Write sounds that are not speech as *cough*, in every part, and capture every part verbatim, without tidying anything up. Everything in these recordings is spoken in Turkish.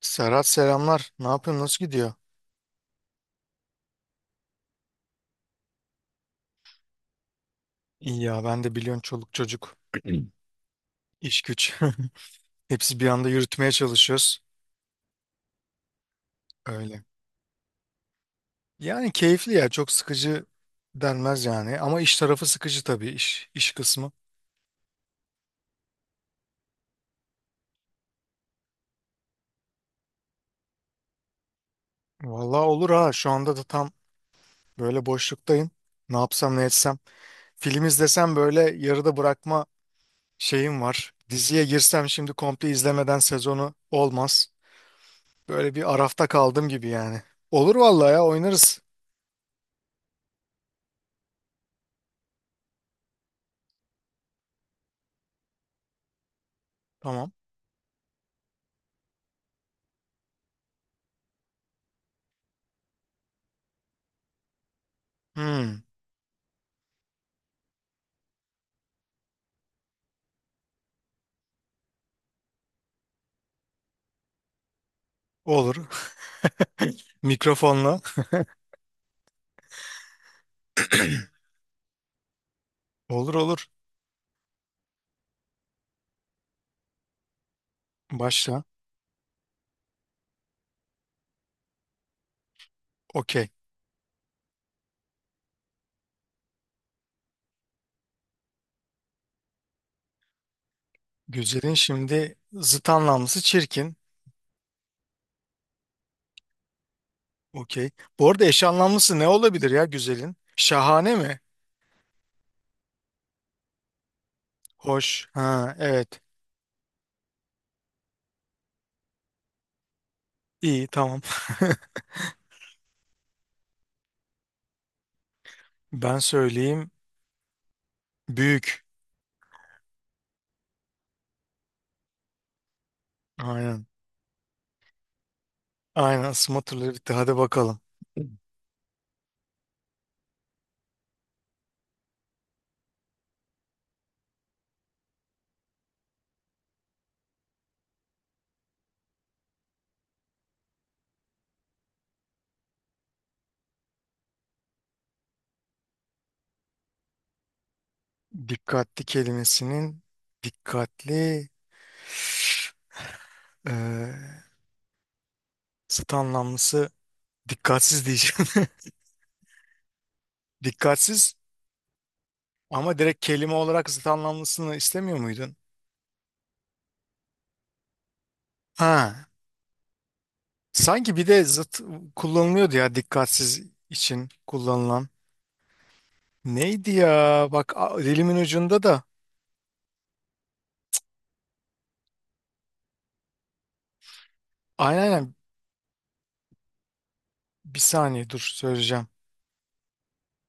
Serhat selamlar. Ne yapıyorsun? Nasıl gidiyor? İyi ya ben de biliyorsun çoluk çocuk, iş güç. *laughs* Hepsi bir anda yürütmeye çalışıyoruz. Öyle. Yani keyifli ya çok sıkıcı denmez yani. Ama iş tarafı sıkıcı tabii iş, iş kısmı. Vallahi olur ha şu anda da tam böyle boşluktayım. Ne yapsam ne etsem. Film izlesem böyle yarıda bırakma şeyim var. Diziye girsem şimdi komple izlemeden sezonu olmaz. Böyle bir arafta kaldım gibi yani. Olur vallahi ya oynarız. Tamam. Hmm. Olur. *laughs* Mikrofonla. Olur olur. Başla. Okey. Güzelin şimdi zıt anlamlısı çirkin. Okey. Bu arada eş anlamlısı ne olabilir ya güzelin? Şahane mi? Hoş. Ha, evet. İyi, tamam. *laughs* Ben söyleyeyim. Büyük. Aynen. Aynen, smatterları bitti. Hadi bakalım. Dikkatli kelimesinin dikkatli eee zıt anlamlısı dikkatsiz diyeceğim. *laughs* Dikkatsiz. Ama direkt kelime olarak zıt anlamlısını istemiyor muydun? Ha, sanki bir de zıt kullanılıyordu ya dikkatsiz için kullanılan. Neydi ya? Bak a- dilimin ucunda da. Aynen aynen. Bir saniye dur, söyleyeceğim.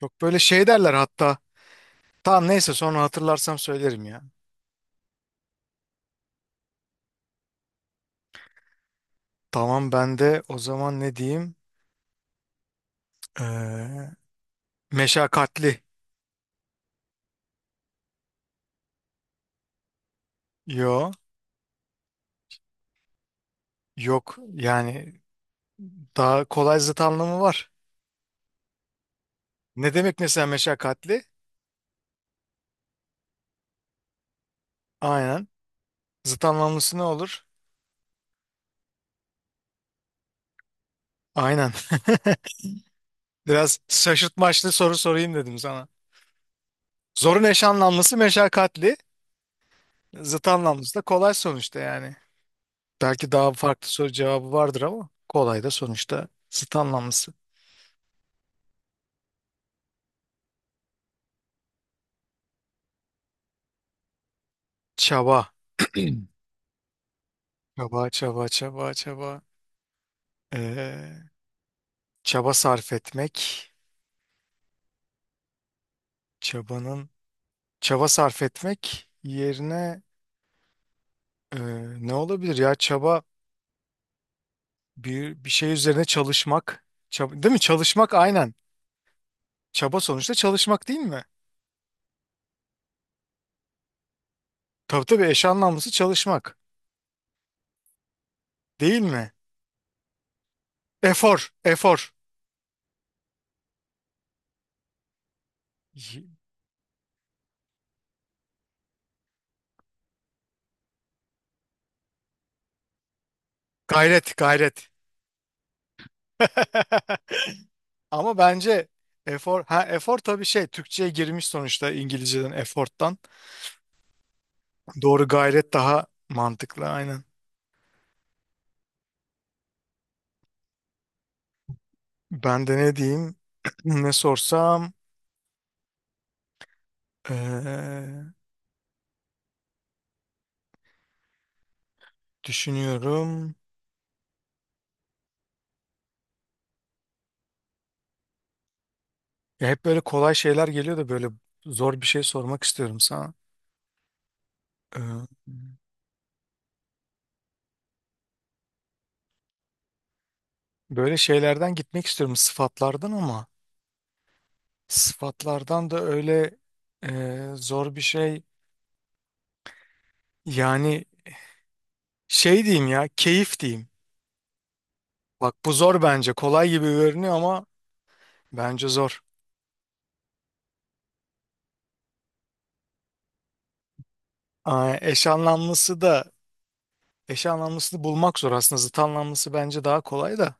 Çok böyle şey derler hatta. Tamam neyse sonra hatırlarsam söylerim ya. Tamam ben de o zaman ne diyeyim? Ee, Meşakkatli. Yo. Yok yani daha kolay zıt anlamı var. Ne demek mesela meşakkatli? Aynen. Zıt anlamlısı ne olur? Aynen. Biraz şaşırtmaçlı soru sorayım dedim sana. Zorun eş anlamlısı meşakkatli. Zıt anlamlısı da kolay sonuçta yani. Belki daha farklı soru cevabı vardır ama kolay da sonuçta zıt anlamlısı. Çaba. *clears throat* Çaba, çaba, çaba, çaba. Ee, çaba sarf etmek. Çabanın çaba sarf etmek yerine ee, ne olabilir ya? Çaba bir, bir şey üzerine çalışmak. Çaba, değil mi? Çalışmak aynen. Çaba sonuçta çalışmak değil mi? Tabii tabii eş anlamlısı çalışmak. Değil mi? Efor, efor. Gayret, gayret. *laughs* Ama bence efor, ha efor tabii şey Türkçe'ye girmiş sonuçta İngilizceden efforttan. Doğru, gayret daha mantıklı aynen. Ben de ne diyeyim? *clears throat* Ne sorsam. Ee, düşünüyorum. Ya hep böyle kolay şeyler geliyor da böyle zor bir şey sormak istiyorum sana. Ee, böyle şeylerden gitmek istiyorum sıfatlardan ama. Sıfatlardan da öyle e, zor bir şey. Yani şey diyeyim ya, keyif diyeyim. Bak bu zor bence. Kolay gibi görünüyor ama bence zor. Aa, eş anlamlısı da eş anlamlısını bulmak zor aslında. Zıt anlamlısı bence daha kolay da.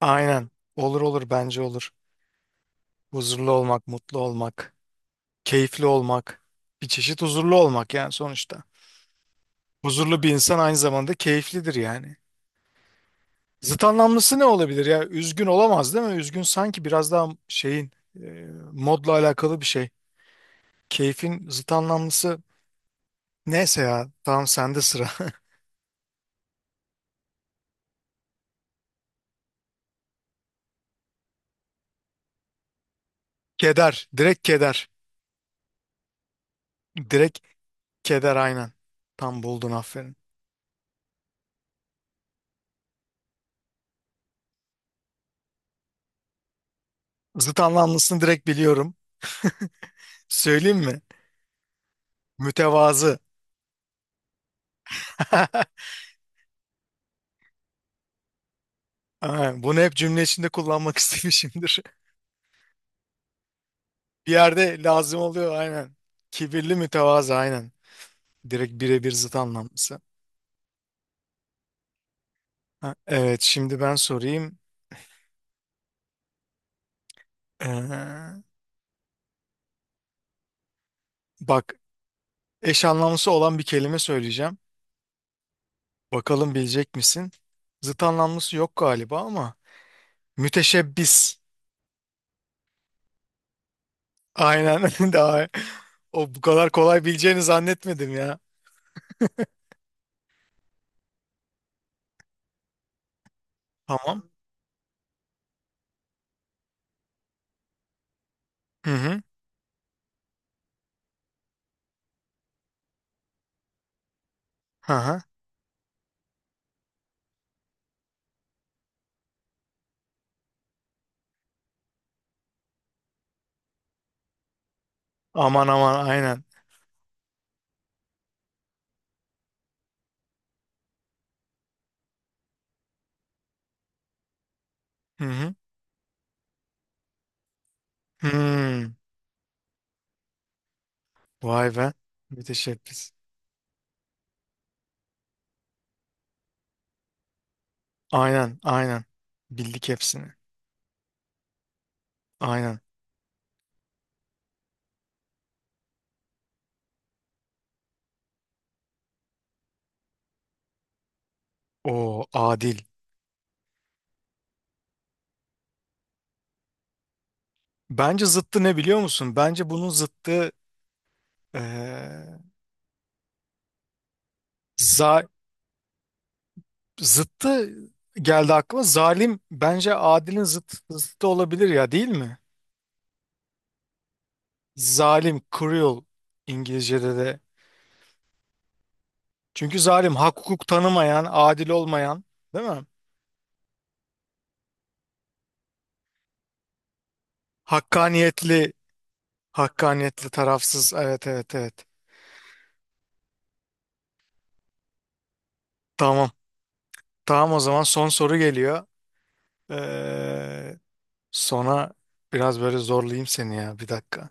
Aynen. Olur olur, bence olur. Huzurlu olmak, mutlu olmak, keyifli olmak. Bir çeşit huzurlu olmak yani sonuçta. Huzurlu bir insan aynı zamanda keyiflidir yani. Zıt anlamlısı ne olabilir ya? Üzgün olamaz değil mi? Üzgün sanki biraz daha şeyin e, modla alakalı bir şey. Keyfin zıt anlamlısı neyse ya. Tamam sende sıra. *laughs* Keder. Direkt keder. Direkt keder aynen. Tam buldun, aferin. Zıt anlamlısını direkt biliyorum. Söyleyeyim mi? Mütevazı. *laughs* Ha, bunu hep cümle içinde kullanmak *laughs* istemişimdir. Bir yerde lazım oluyor aynen. Kibirli mütevazı aynen. Direkt birebir zıt anlamlısı. Ha, evet, şimdi ben sorayım. Ee, bak eş anlamlısı olan bir kelime söyleyeceğim. Bakalım bilecek misin? Zıt anlamlısı yok galiba ama müteşebbis. Aynen *laughs* daha o bu kadar kolay bileceğini zannetmedim ya. Tamam. Hı hı. Hı hı. Aman aman aynen. Hı hı. Hmm. Vay be. Müteşebbis. Aynen aynen. Bildik hepsini. Aynen. O adil. Bence zıttı ne biliyor musun? Bence bunun zıttı Ee, za zıttı geldi aklıma. Zalim bence adilin zıt, zıttı olabilir ya değil mi? Zalim, cruel İngilizce'de de. Çünkü zalim hak hukuk tanımayan, adil olmayan değil mi? Hakkaniyetli, hakkaniyetli tarafsız. Evet evet evet. Tamam. Tamam o zaman son soru geliyor. Ee, sona biraz böyle zorlayayım seni ya, bir dakika.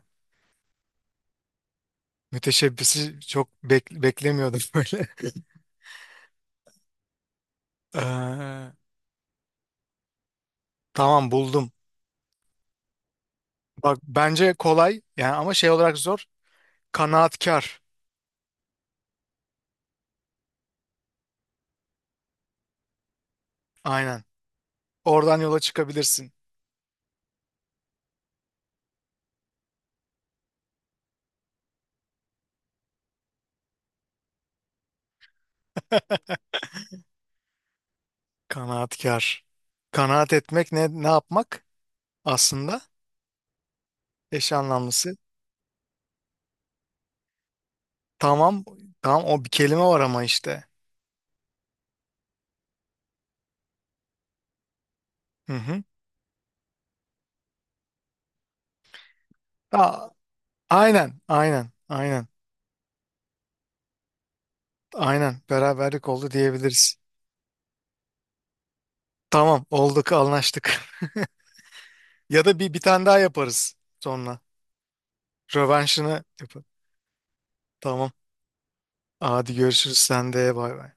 Müteşebbisi çok bek- beklemiyordum böyle. *laughs* Ee, tamam buldum. Bak bence kolay yani ama şey olarak zor. Kanaatkar. Aynen. Oradan yola çıkabilirsin. Kanaatkar. Kanaat etmek ne ne yapmak aslında? Eş anlamlısı. Tamam. Tamam o bir kelime var ama işte. Hı hı. Aa, aynen. Aynen. Aynen. Aynen. Beraberlik oldu diyebiliriz. Tamam olduk, anlaştık. *laughs* Ya da bir bir tane daha yaparız sonra. Rövanşını yapalım. Tamam. Hadi görüşürüz, sen de bay bay.